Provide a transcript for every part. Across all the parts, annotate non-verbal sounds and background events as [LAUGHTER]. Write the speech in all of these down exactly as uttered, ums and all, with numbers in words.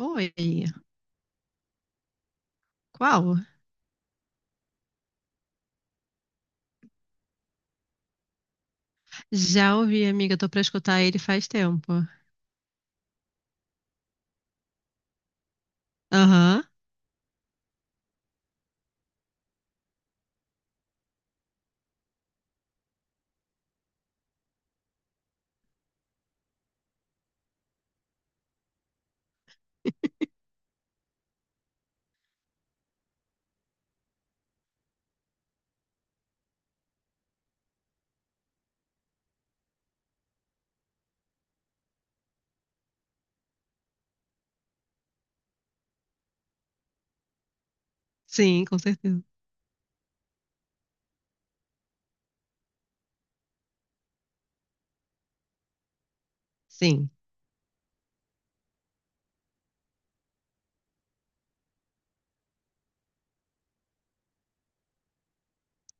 Oi, qual? Já ouvi, amiga, tô pra escutar ele faz tempo. Aham, sim, com certeza. Sim.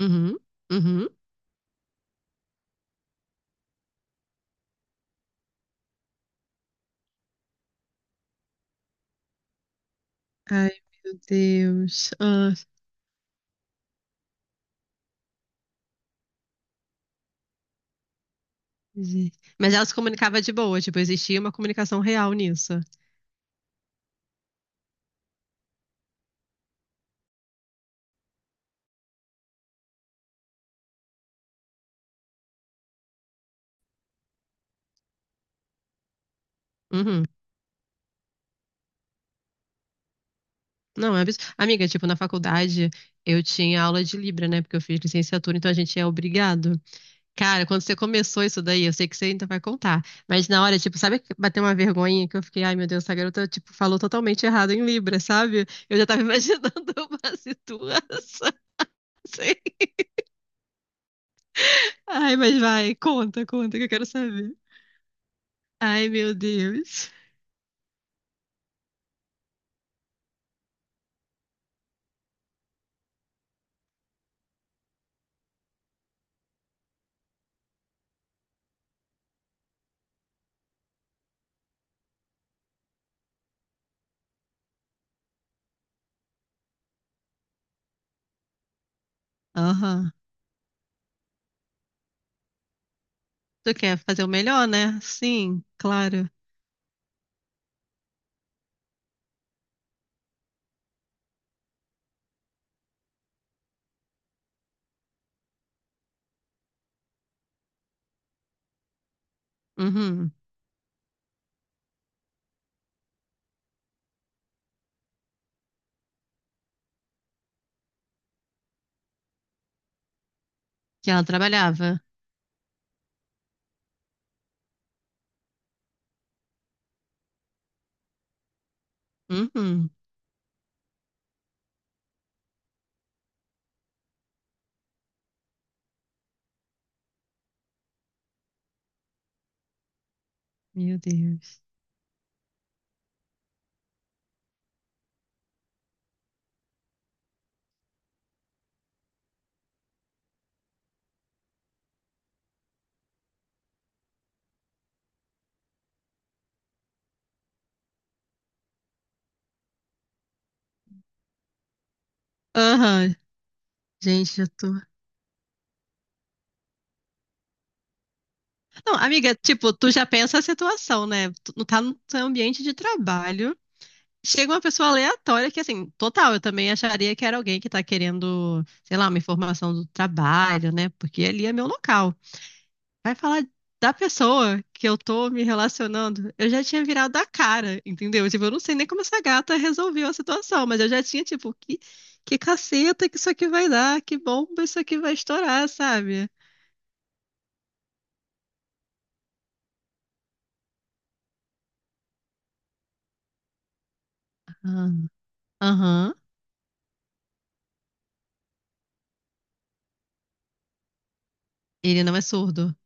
Uhum, uhum. Ai, meu Deus. Ah, gente. Mas ela se comunicava de boa, tipo, existia uma comunicação real nisso. Uhum. Não, é abs... Amiga, tipo, na faculdade eu tinha aula de Libra, né? Porque eu fiz licenciatura, então a gente é obrigado. Cara, quando você começou isso daí, eu sei que você ainda vai contar. Mas na hora, tipo, sabe que bateu uma vergonha que eu fiquei, ai meu Deus, essa garota, tipo, falou totalmente errado em Libra, sabe? Eu já tava imaginando [LAUGHS] uma situação assim. Ai, mas vai, conta, conta, que eu quero saber. Ai, meu Deus. Aham. Tu quer fazer o melhor, né? Sim, claro. Uhum. Que ela trabalhava. Uhum. Meu Deus. Aham. Gente, eu tô. Não, amiga, tipo, tu já pensa a situação, né? Tu não tá no teu ambiente de trabalho. Chega uma pessoa aleatória que, assim, total, eu também acharia que era alguém que tá querendo, sei lá, uma informação do trabalho, né? Porque ali é meu local. Vai falar da pessoa que eu tô me relacionando. Eu já tinha virado a cara, entendeu? Tipo, eu não sei nem como essa gata resolveu a situação, mas eu já tinha, tipo, que, que caceta que isso aqui vai dar, que bomba isso aqui vai estourar, sabe? Ah, aham. Ele não é surdo.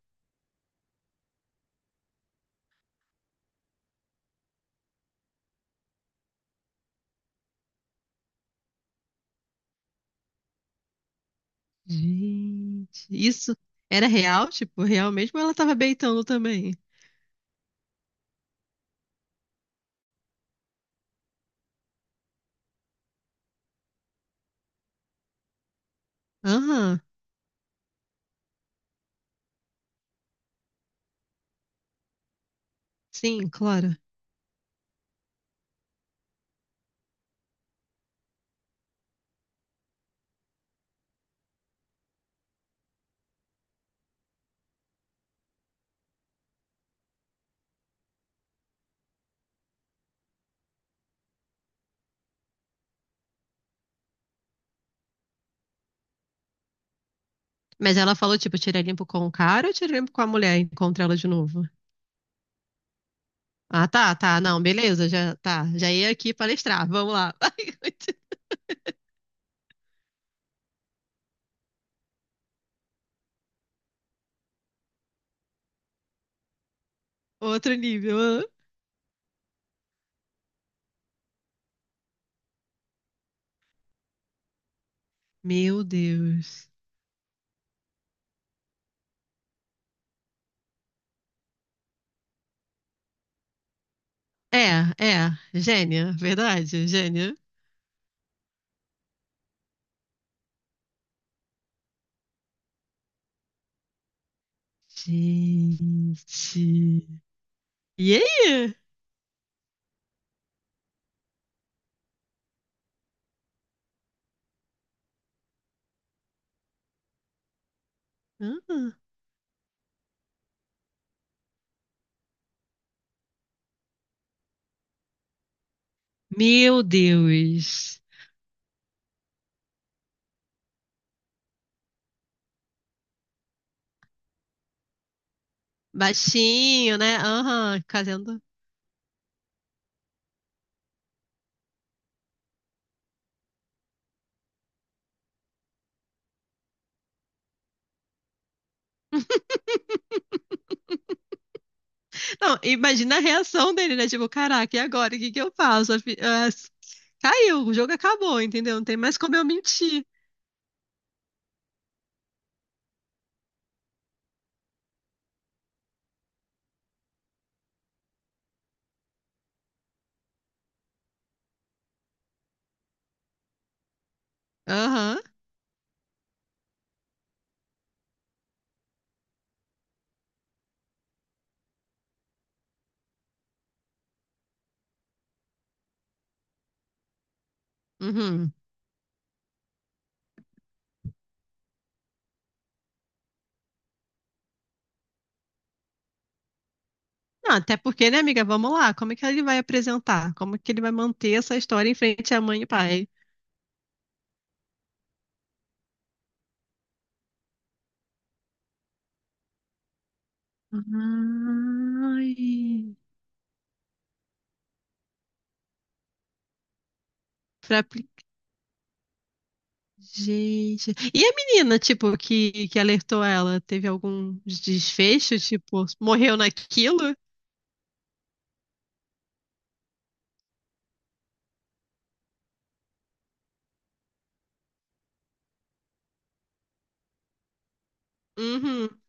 Gente, isso era real? Tipo, real mesmo? Ou ela tava beitando também? Aham, sim, claro. Mas ela falou, tipo, tira limpo com o cara ou tira limpo com a mulher? Encontra ela de novo. Ah, tá, tá, não, beleza, já tá. Já ia aqui palestrar, vamos lá. [LAUGHS] Outro nível. Ah. Meu Deus. É, é, gênia, verdade, gênia. Gente. E aí? Ah, meu Deus. Baixinho, né? Aham, fazendo. Não, imagina a reação dele, né? Tipo, caraca, e agora? O que que eu faço? A fi- ah, s- Caiu, o jogo acabou, entendeu? Não tem mais como eu mentir. Aham, uhum. Não, até porque, né, amiga? Vamos lá. Como é que ele vai apresentar? Como é que ele vai manter essa história em frente à mãe e pai? Ai, pra... apli- Gente. E a menina, tipo, que, que alertou ela? Teve algum desfecho? Tipo, morreu naquilo? Uhum.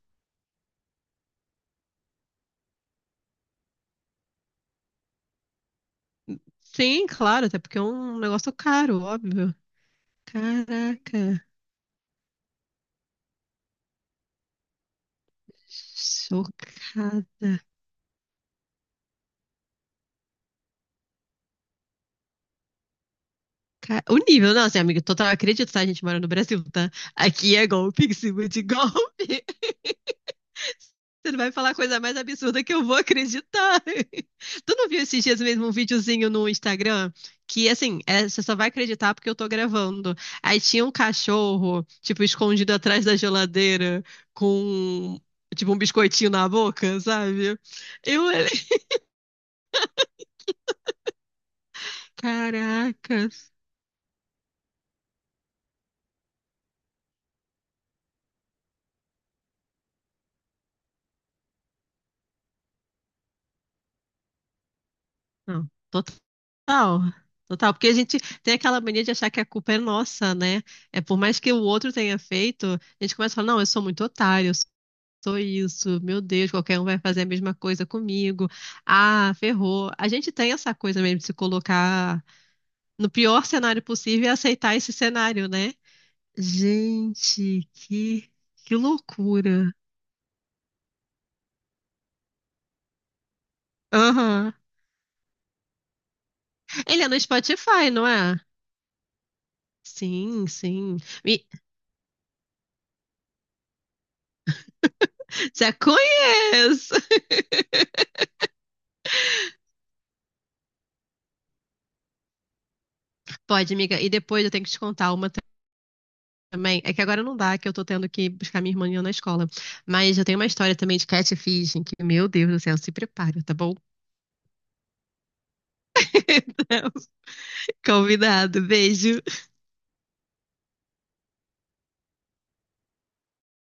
Sim, claro, até porque é um negócio caro, óbvio. Caraca, chocada. Ca- O nível, não, assim, amigo, total, acredito, tá? A gente mora no Brasil, tá? Aqui é golpe em cima de [LAUGHS] golpe. Você vai falar a coisa mais absurda que eu vou acreditar. [LAUGHS] Tu não viu esses dias mesmo um videozinho no Instagram? Que assim, é, você só vai acreditar porque eu tô gravando. Aí tinha um cachorro, tipo, escondido atrás da geladeira, com, tipo, um biscoitinho na boca, sabe? Eu olhei, [LAUGHS] caracas. Não, total. Total, porque a gente tem aquela mania de achar que a culpa é nossa, né? É por mais que o outro tenha feito, a gente começa a falar, não, eu sou muito otário, sou isso, meu Deus, qualquer um vai fazer a mesma coisa comigo. Ah, ferrou. A gente tem essa coisa mesmo de se colocar no pior cenário possível e aceitar esse cenário, né? Gente, que, que loucura. Aham. Ele é no Spotify, não é? Sim, sim. Me... Já conheço. Pode, amiga. E depois eu tenho que te contar uma também. É que agora não dá, que eu tô tendo que buscar minha irmã na escola. Mas eu tenho uma história também de catfishing, que, meu Deus do céu, se prepara, tá bom? [LAUGHS] Então, convidado, beijo.